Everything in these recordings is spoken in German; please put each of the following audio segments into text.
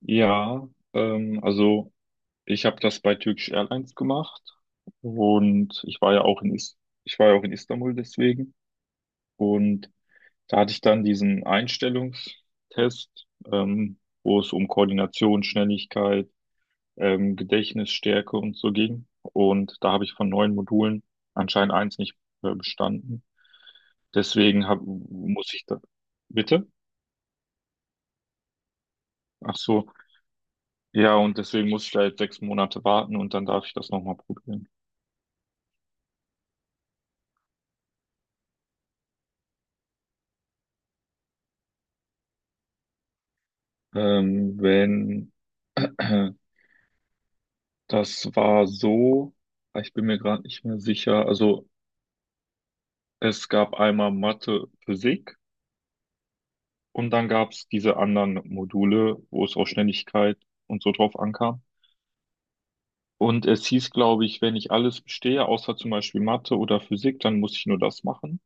Ja, also ich habe das bei Turkish Airlines gemacht und ich war ja auch in Istanbul deswegen. Und da hatte ich dann diesen Einstellungstest, wo es um Koordination, Schnelligkeit, Gedächtnisstärke und so ging, und da habe ich von neun Modulen anscheinend eins nicht bestanden. Deswegen muss ich da. Bitte? Ach so, ja, und deswegen muss ich da jetzt 6 Monate warten und dann darf ich das nochmal probieren. Wenn das war so, ich bin mir gerade nicht mehr sicher. Also es gab einmal Mathe, Physik, und dann gab es diese anderen Module, wo es auf Schnelligkeit und so drauf ankam. Und es hieß, glaube ich, wenn ich alles bestehe, außer zum Beispiel Mathe oder Physik, dann muss ich nur das machen.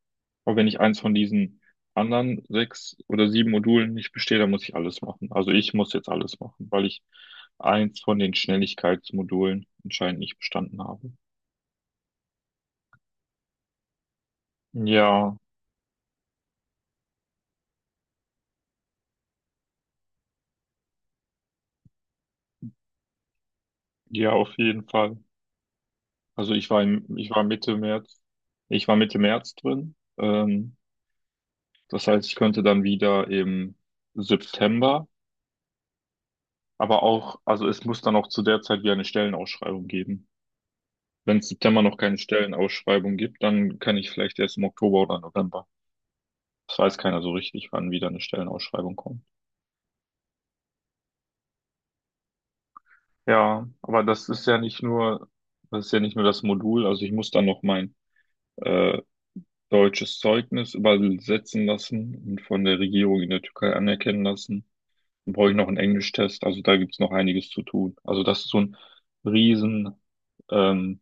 Aber wenn ich eins von diesen anderen sechs oder sieben Modulen nicht bestehe, dann muss ich alles machen. Also ich muss jetzt alles machen, weil ich eins von den Schnelligkeitsmodulen anscheinend nicht bestanden habe. Ja, ja, auf jeden Fall. Also ich war Mitte März, drin. Das heißt, ich könnte dann wieder im September. Aber auch, also es muss dann auch zu der Zeit wieder eine Stellenausschreibung geben. Wenn es September noch keine Stellenausschreibung gibt, dann kann ich vielleicht erst im Oktober oder November. Das weiß keiner so richtig, wann wieder eine Stellenausschreibung kommt. Ja, aber das ist ja nicht nur das Modul. Also ich muss dann noch mein äh, deutsches Zeugnis übersetzen lassen und von der Regierung in der Türkei anerkennen lassen. Dann brauche ich noch einen Englischtest. Also da gibt's noch einiges zu tun. Also das ist so ein riesen ähm,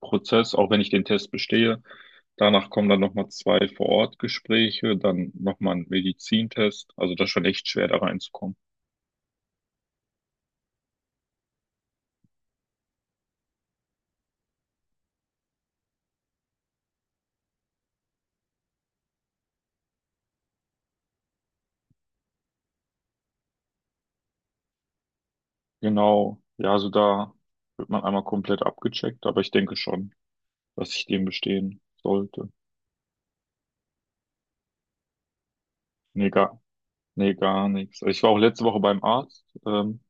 Prozess, auch wenn ich den Test bestehe. Danach kommen dann nochmal zwei Vor-Ort-Gespräche, dann nochmal ein Medizintest. Also das ist schon echt schwer, da reinzukommen. Genau. Ja, also da wird man einmal komplett abgecheckt, aber ich denke schon, dass ich den bestehen sollte. Nee, gar, nee, gar nichts. Ich war auch letzte Woche beim Arzt.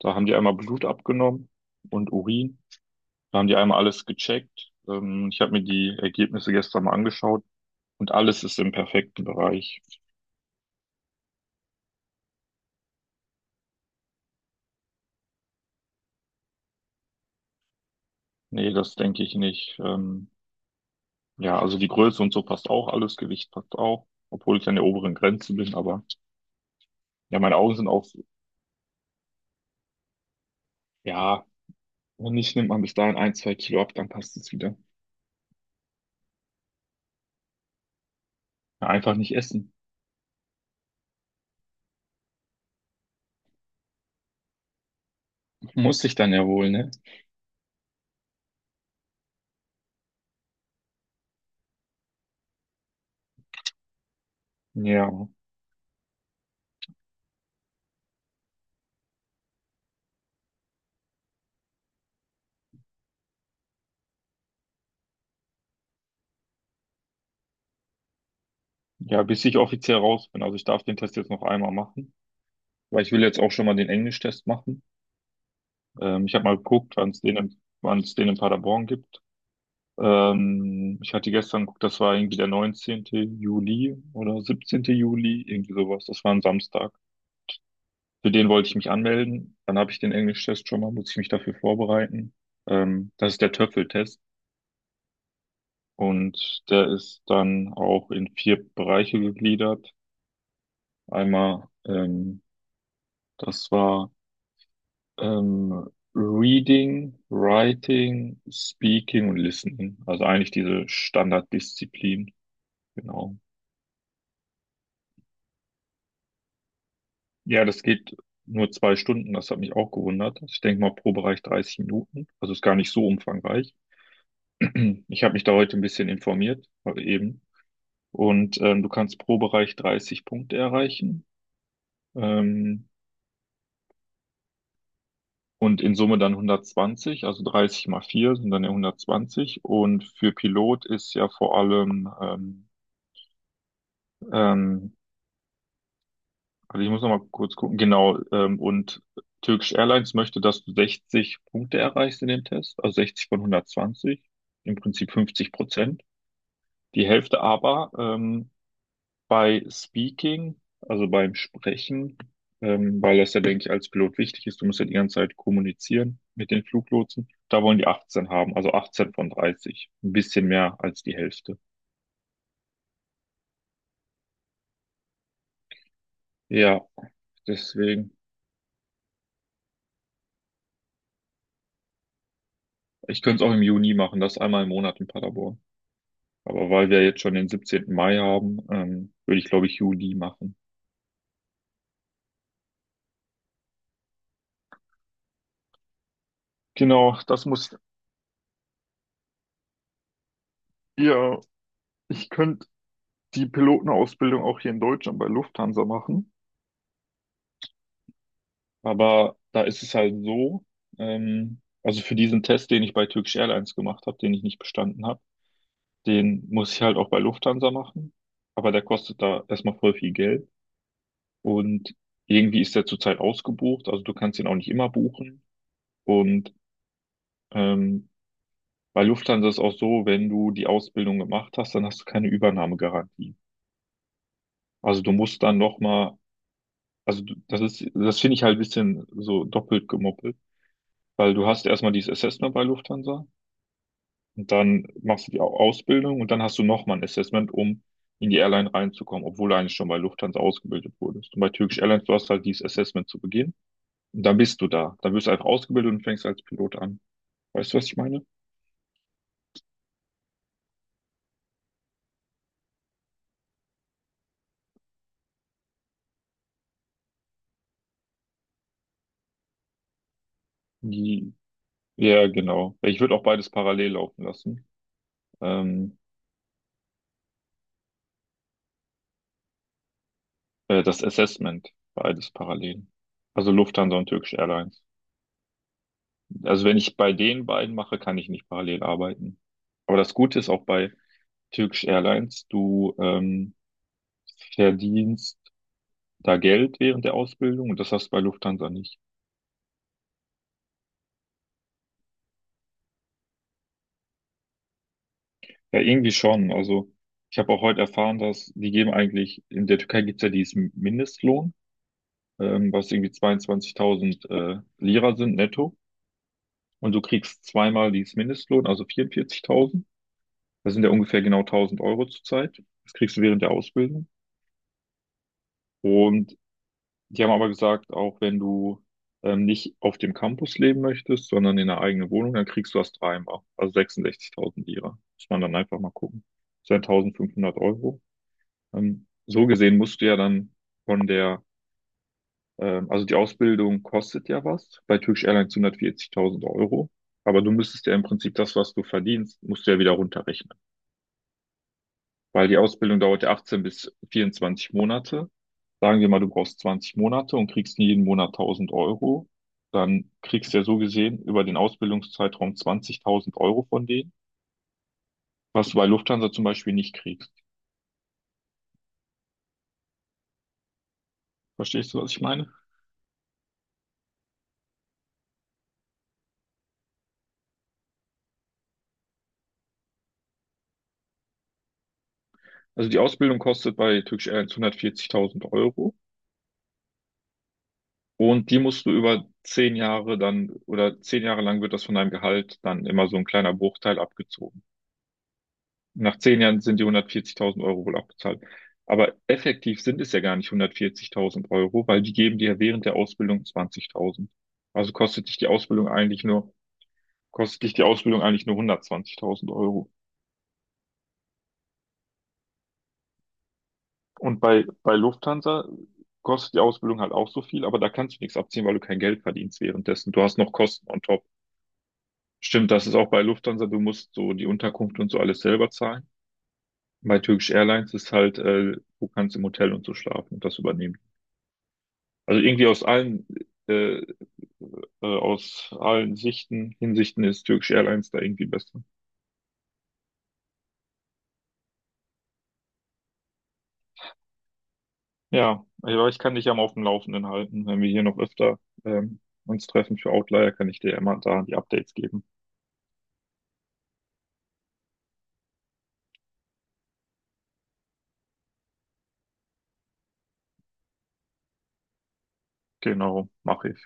Da haben die einmal Blut abgenommen und Urin. Da haben die einmal alles gecheckt. Ich habe mir die Ergebnisse gestern mal angeschaut, und alles ist im perfekten Bereich. Nee, das denke ich nicht. Ja, also die Größe und so passt auch, alles, Gewicht passt auch, obwohl ich an der oberen Grenze bin. Aber ja, meine Augen sind auch, ja, wenn nicht, nimmt man bis dahin ein, zwei Kilo ab, dann passt es wieder. Ja, einfach nicht essen. Muss sich dann ja wohl, ne? Ja, ja, bis ich offiziell raus bin. Also ich darf den Test jetzt noch einmal machen, weil ich will jetzt auch schon mal den Englisch-Test machen. Ich habe mal geguckt, wann es den in Paderborn gibt. Ich hatte gestern geguckt, das war irgendwie der 19. Juli oder 17. Juli, irgendwie sowas. Das war ein Samstag. Für den wollte ich mich anmelden. Dann habe ich den Englisch-Test schon mal, muss ich mich dafür vorbereiten. Das ist der Töpfeltest, und der ist dann auch in vier Bereiche gegliedert. Einmal, das war, Ähm, Reading, Writing, Speaking und Listening. Also eigentlich diese Standarddisziplin. Genau. Ja, das geht nur 2 Stunden. Das hat mich auch gewundert. Ich denke mal pro Bereich 30 Minuten. Also ist gar nicht so umfangreich. Ich habe mich da heute ein bisschen informiert, heute eben. Und du kannst pro Bereich 30 Punkte erreichen. Ähm, und in Summe dann 120, also 30 mal 4 sind dann ja 120. Und für Pilot ist ja vor allem, ähm, also ich muss noch mal kurz gucken. Genau, und Turkish Airlines möchte, dass du 60 Punkte erreichst in dem Test, also 60 von 120, im Prinzip 50%. Die Hälfte. Aber bei Speaking, also beim Sprechen, weil das ja, denke ich, als Pilot wichtig ist. Du musst ja die ganze Zeit kommunizieren mit den Fluglotsen. Da wollen die 18 haben, also 18 von 30. Ein bisschen mehr als die Hälfte. Ja, deswegen. Ich könnte es auch im Juni machen, das einmal im Monat in Paderborn. Aber weil wir jetzt schon den 17. Mai haben, würde ich, glaube ich, Juli machen. Genau, das muss ihr. Ich könnte die Pilotenausbildung auch hier in Deutschland bei Lufthansa machen. Aber da ist es halt so, also für diesen Test, den ich bei Turkish Airlines gemacht habe, den ich nicht bestanden habe, den muss ich halt auch bei Lufthansa machen. Aber der kostet da erstmal voll viel Geld. Und irgendwie ist der zurzeit ausgebucht. Also du kannst ihn auch nicht immer buchen. Und ähm, Bei Lufthansa ist auch so, wenn du die Ausbildung gemacht hast, dann hast du keine Übernahmegarantie. Also du musst dann nochmal, das finde ich halt ein bisschen so doppelt gemoppelt, weil du hast erstmal dieses Assessment bei Lufthansa und dann machst du die Ausbildung und dann hast du nochmal ein Assessment, um in die Airline reinzukommen, obwohl du eigentlich schon bei Lufthansa ausgebildet wurdest. Und bei Turkish Airlines, du hast halt dieses Assessment zu Beginn, und dann bist du da. Dann wirst du einfach ausgebildet und fängst als Pilot an. Weißt du, was ich meine? Die, ja, genau. Ich würde auch beides parallel laufen lassen. Ähm, das Assessment, beides parallel. Also Lufthansa und Turkish Airlines. Also wenn ich bei den beiden mache, kann ich nicht parallel arbeiten. Aber das Gute ist auch bei Turkish Airlines, du verdienst da Geld während der Ausbildung, und das hast du bei Lufthansa nicht. Ja, irgendwie schon. Also ich habe auch heute erfahren, dass die geben eigentlich, in der Türkei gibt's ja diesen Mindestlohn, was irgendwie 22.000 Lira sind netto. Und du kriegst zweimal dieses Mindestlohn, also 44.000. Das sind ja ungefähr genau 1.000 Euro zurzeit. Das kriegst du während der Ausbildung. Und die haben aber gesagt, auch wenn du nicht auf dem Campus leben möchtest, sondern in einer eigenen Wohnung, dann kriegst du das dreimal. Also 66.000 Lira. Muss man dann einfach mal gucken. Das sind 1.500 Euro. So gesehen musst du ja dann von der, also die Ausbildung kostet ja was. Bei Turkish Airlines 140.000 Euro. Aber du müsstest ja im Prinzip das, was du verdienst, musst du ja wieder runterrechnen. Weil die Ausbildung dauert ja 18 bis 24 Monate. Sagen wir mal, du brauchst 20 Monate und kriegst jeden Monat 1.000 Euro. Dann kriegst du ja so gesehen über den Ausbildungszeitraum 20.000 Euro von denen, was du bei Lufthansa zum Beispiel nicht kriegst. Verstehst du, was ich meine? Also die Ausbildung kostet bei Turkish Airlines 140.000 Euro und die musst du über 10 Jahre dann, oder 10 Jahre lang wird das von deinem Gehalt dann immer so ein kleiner Bruchteil abgezogen. Nach 10 Jahren sind die 140.000 Euro wohl auch bezahlt. Aber effektiv sind es ja gar nicht 140.000 Euro, weil die geben dir ja während der Ausbildung 20.000. Also kostet dich die Ausbildung eigentlich nur, kostet dich die Ausbildung eigentlich nur 120.000 Euro. Und bei, bei Lufthansa kostet die Ausbildung halt auch so viel, aber da kannst du nichts abziehen, weil du kein Geld verdienst währenddessen. Du hast noch Kosten on top. Stimmt, das ist auch bei Lufthansa, du musst so die Unterkunft und so alles selber zahlen. Bei Turkish Airlines ist halt, du kannst im Hotel und so schlafen und das übernehmen. Also irgendwie äh, aus allen Sichten, Hinsichten ist Turkish Airlines da irgendwie besser. Ja, aber ich kann dich ja mal auf dem Laufenden halten. Wenn wir hier noch öfter ähm, uns treffen für Outlier, kann ich dir ja immer da die Updates geben. Genau, mache ich.